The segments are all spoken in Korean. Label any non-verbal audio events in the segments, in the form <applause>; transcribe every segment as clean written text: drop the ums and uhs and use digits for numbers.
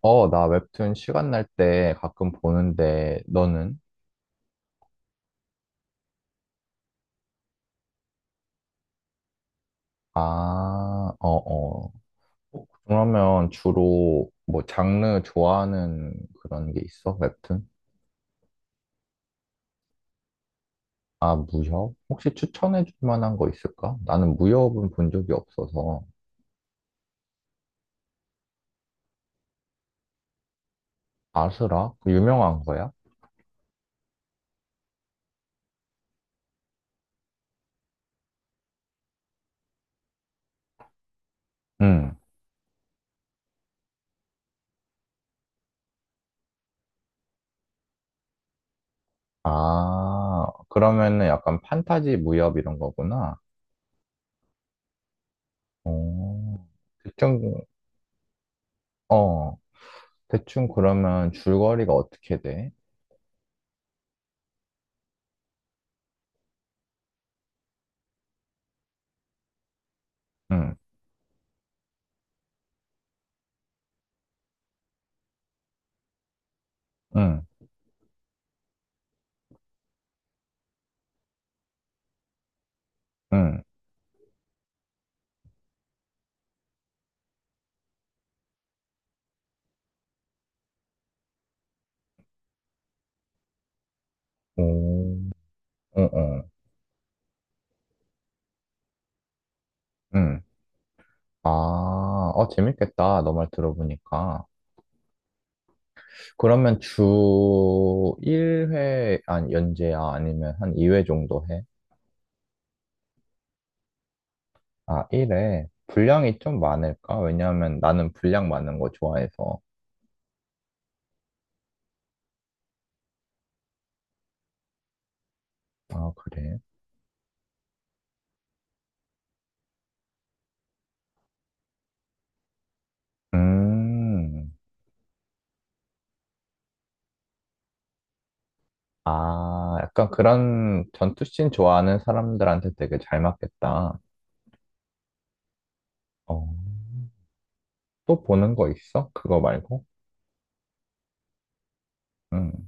어, 나 웹툰 시간 날 때 가끔 보는데, 너는? 아, 어, 어. 어, 그러면 주로 뭐 장르 좋아하는 그런 게 있어? 웹툰? 아, 무협? 혹시 추천해 줄 만한 거 있을까? 나는 무협은 본 적이 없어서. 아스라? 그 유명한 거야? 응. 아, 그러면은 약간 판타지 무협 이런 거구나. 어, 대충, 어, 대충 그러면 줄거리가 어떻게 돼? 응, 응. 응. 오, 응, 응, 응. 아, 어, 재밌겠다. 너 말 들어보니까. 그러면 주 1회, 아니, 연재야? 아니면 한 2회 정도 해? 아, 1회. 분량이 좀 많을까? 왜냐하면 나는 분량 많은 거 좋아해서. 아, 그래? 음. 아, 약간 그런 전투씬 좋아하는 사람들한테 되게 잘 맞겠다. 어, 또 보는 거 있어? 그거 말고? 응.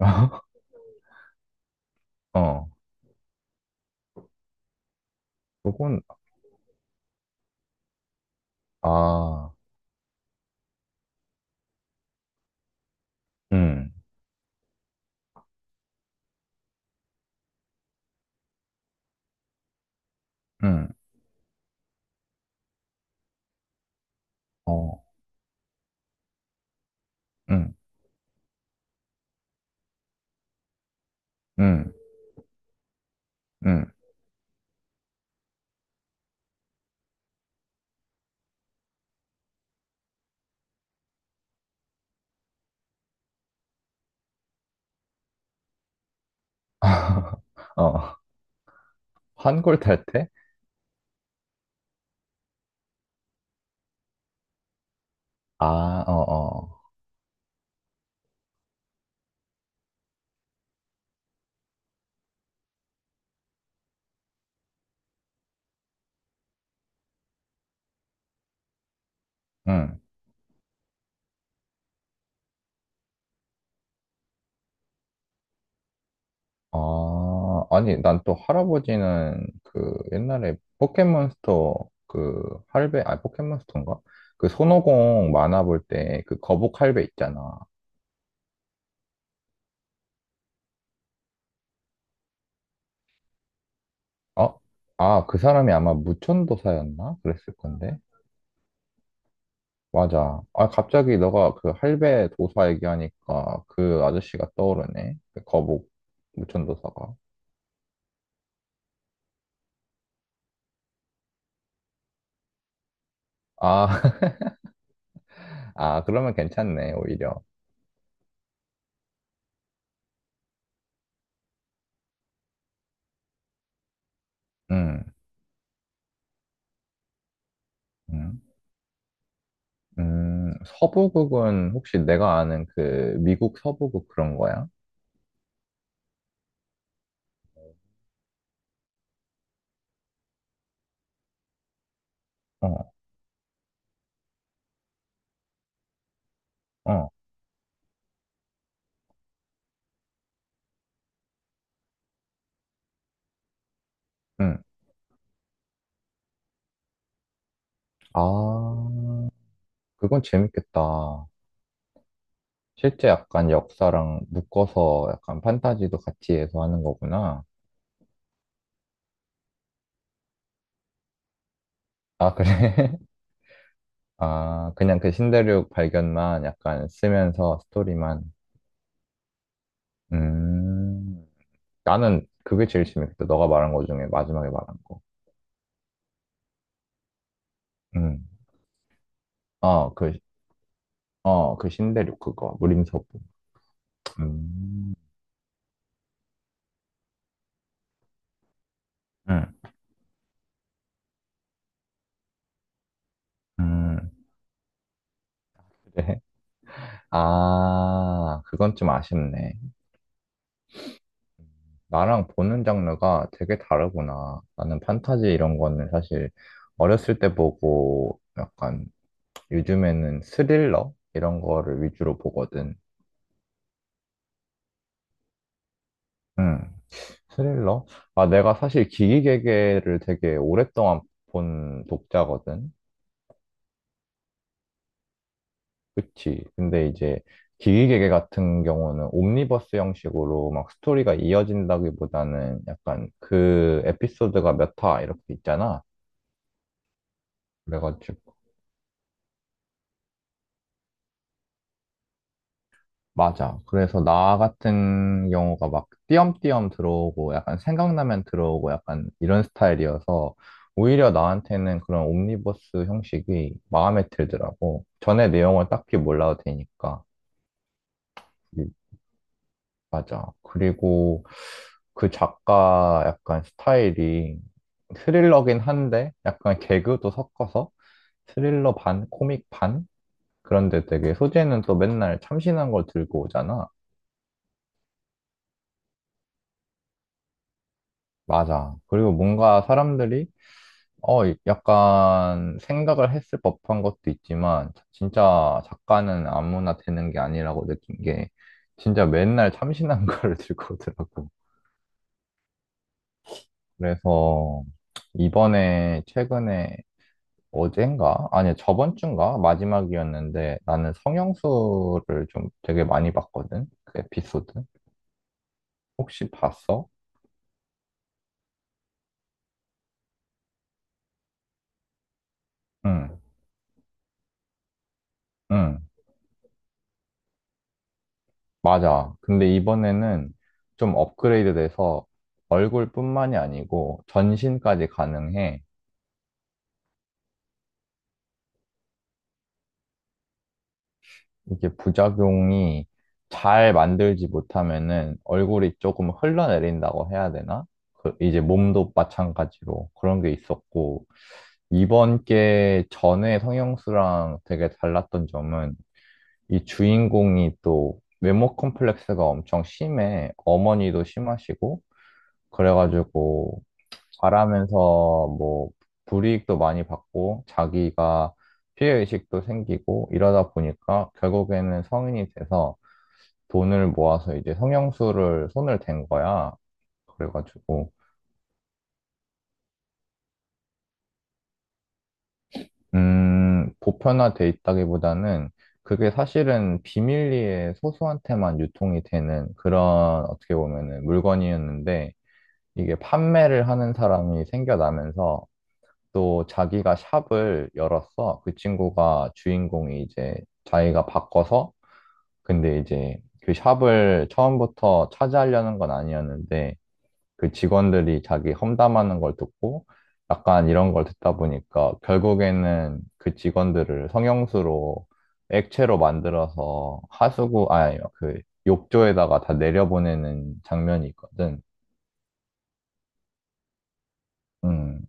<laughs> 어, 그건, 아. 음, 음, 어, 음, 음, 음. <laughs> 어, 한골 탈 때? 아, 어, 어, 음. 아, 아니, 난 또 할아버지는 그 옛날에 포켓몬스터 그 할배, 아니, 포켓몬스터인가? 그 손오공 만화 볼 때 그 거북 할배 있잖아. 어? 아, 그 사람이 아마 무천도사였나? 그랬을 건데. 맞아. 아, 갑자기 너가 그 할배 도사 얘기하니까 그 아저씨가 떠오르네. 그 거북 무천도사가. 아, <laughs> 아, 그러면 괜찮네, 오히려. 음, 음, 서부극은 혹시 내가 아는 그 미국 서부극 그런 거야? 어, 어, 음. 아, 그건 재밌겠다. 실제 약간 역사랑 묶어서 약간 판타지도 같이 해서 하는 거구나. 아, 그래? 아, 그냥 그 신대륙 발견만 약간 쓰면서 스토리만. 음, 나는 그게 제일 재밌겠다. 너가 말한 거 중에 마지막에 말한 거. 음, 어, 그, 어, 그 신대륙 그거. 무림서부. 음, 음, 음. 그래. 아, 그건 좀 아쉽네. 나랑 보는 장르가 되게 다르구나. 나는 판타지 이런 거는 사실 어렸을 때 보고 약간 요즘에는 스릴러? 이런 거를 위주로 보거든. 응. 스릴러? 아, 내가 사실 기기개개를 되게 오랫동안 본 독자거든. 그치. 근데 이제 기기개개 같은 경우는 옴니버스 형식으로 막 스토리가 이어진다기보다는 약간 그 에피소드가 몇 화 이렇게 있잖아. 그래가지고. 맞아. 그래서 나 같은 경우가 막 띄엄띄엄 들어오고 약간 생각나면 들어오고 약간 이런 스타일이어서 오히려 나한테는 그런 옴니버스 형식이 마음에 들더라고. 전에 내용을 딱히 몰라도 되니까. 음, 맞아. 그리고 그 작가 약간 스타일이 스릴러긴 한데 약간 개그도 섞어서 스릴러 반, 코믹 반? 그런데 되게 소재는 또 맨날 참신한 걸 들고 오잖아. 맞아. 그리고 뭔가 사람들이, 어, 약간 생각을 했을 법한 것도 있지만, 진짜 작가는 아무나 되는 게 아니라고 느낀 게, 진짜 맨날 참신한 <laughs> 걸 들고 오더라고. 그래서, 이번에, 최근에, 어젠가? 아니, 저번 주인가? 마지막이었는데, 나는 성형수를 좀 되게 많이 봤거든? 그 에피소드. 혹시 봤어? 응, 응. 맞아. 근데 이번에는 좀 업그레이드 돼서 얼굴뿐만이 아니고 전신까지 가능해. 이게 부작용이 잘 만들지 못하면은 얼굴이 조금 흘러내린다고 해야 되나? 그 이제 몸도 마찬가지로 그런 게 있었고, 이번 게 전에 성형수랑 되게 달랐던 점은 이 주인공이 또 외모 컴플렉스가 엄청 심해. 어머니도 심하시고, 그래가지고 잘하면서 뭐 불이익도 많이 받고 자기가 피해의식도 생기고 이러다 보니까 결국에는 성인이 돼서 돈을 모아서 이제 성형수를 손을 댄 거야. 그래가지고 보편화돼 있다기보다는 그게 사실은 비밀리에 소수한테만 유통이 되는 그런 어떻게 보면은 물건이었는데 이게 판매를 하는 사람이 생겨나면서 또 자기가 샵을 열었어. 그 친구가 주인공이 이제 자기가 바꿔서 근데 이제 그 샵을 처음부터 차지하려는 건 아니었는데 그 직원들이 자기 험담하는 걸 듣고 약간 이런 걸 듣다 보니까 결국에는 그 직원들을 성형수로 액체로 만들어서 하수구 아니 그 욕조에다가 다 내려보내는 장면이 있거든. 음.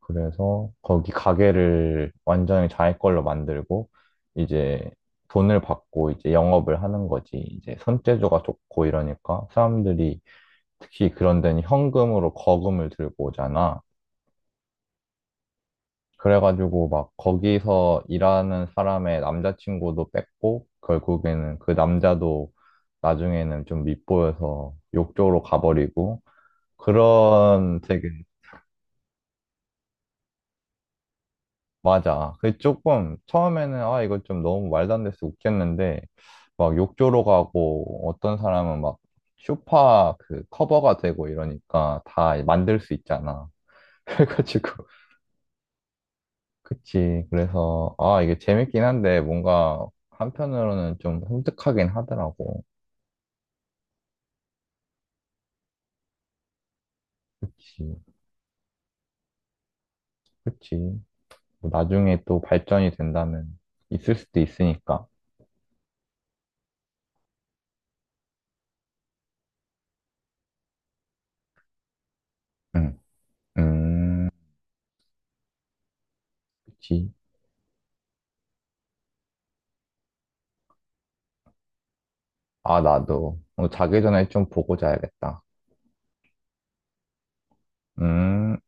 그래서 거기 가게를 완전히 자기 걸로 만들고 이제 돈을 받고 이제 영업을 하는 거지. 이제 손재주가 좋고 이러니까 사람들이 특히 그런 데는 현금으로 거금을 들고 오잖아. 그래가지고 막 거기서 일하는 사람의 남자친구도 뺏고 결국에는 그 남자도 나중에는 좀 밉보여서 욕조로 가버리고 그런 되게 맞아. 그 조금 처음에는 아 이거 좀 너무 말도 안 돼서 웃겼는데 막 욕조로 가고 어떤 사람은 막 쇼파 그 커버가 되고 이러니까 다 만들 수 있잖아. <laughs> 그래가지고 그치. 그래서 아 이게 재밌긴 한데 뭔가 한편으로는 좀 섬뜩하긴 하더라고. 그치. 그치. 뭐 나중에 또 발전이 된다면 있을 수도 있으니까. 응. 음. 그치. 아 나도 오늘 자기 전에 좀 보고 자야겠다. 음,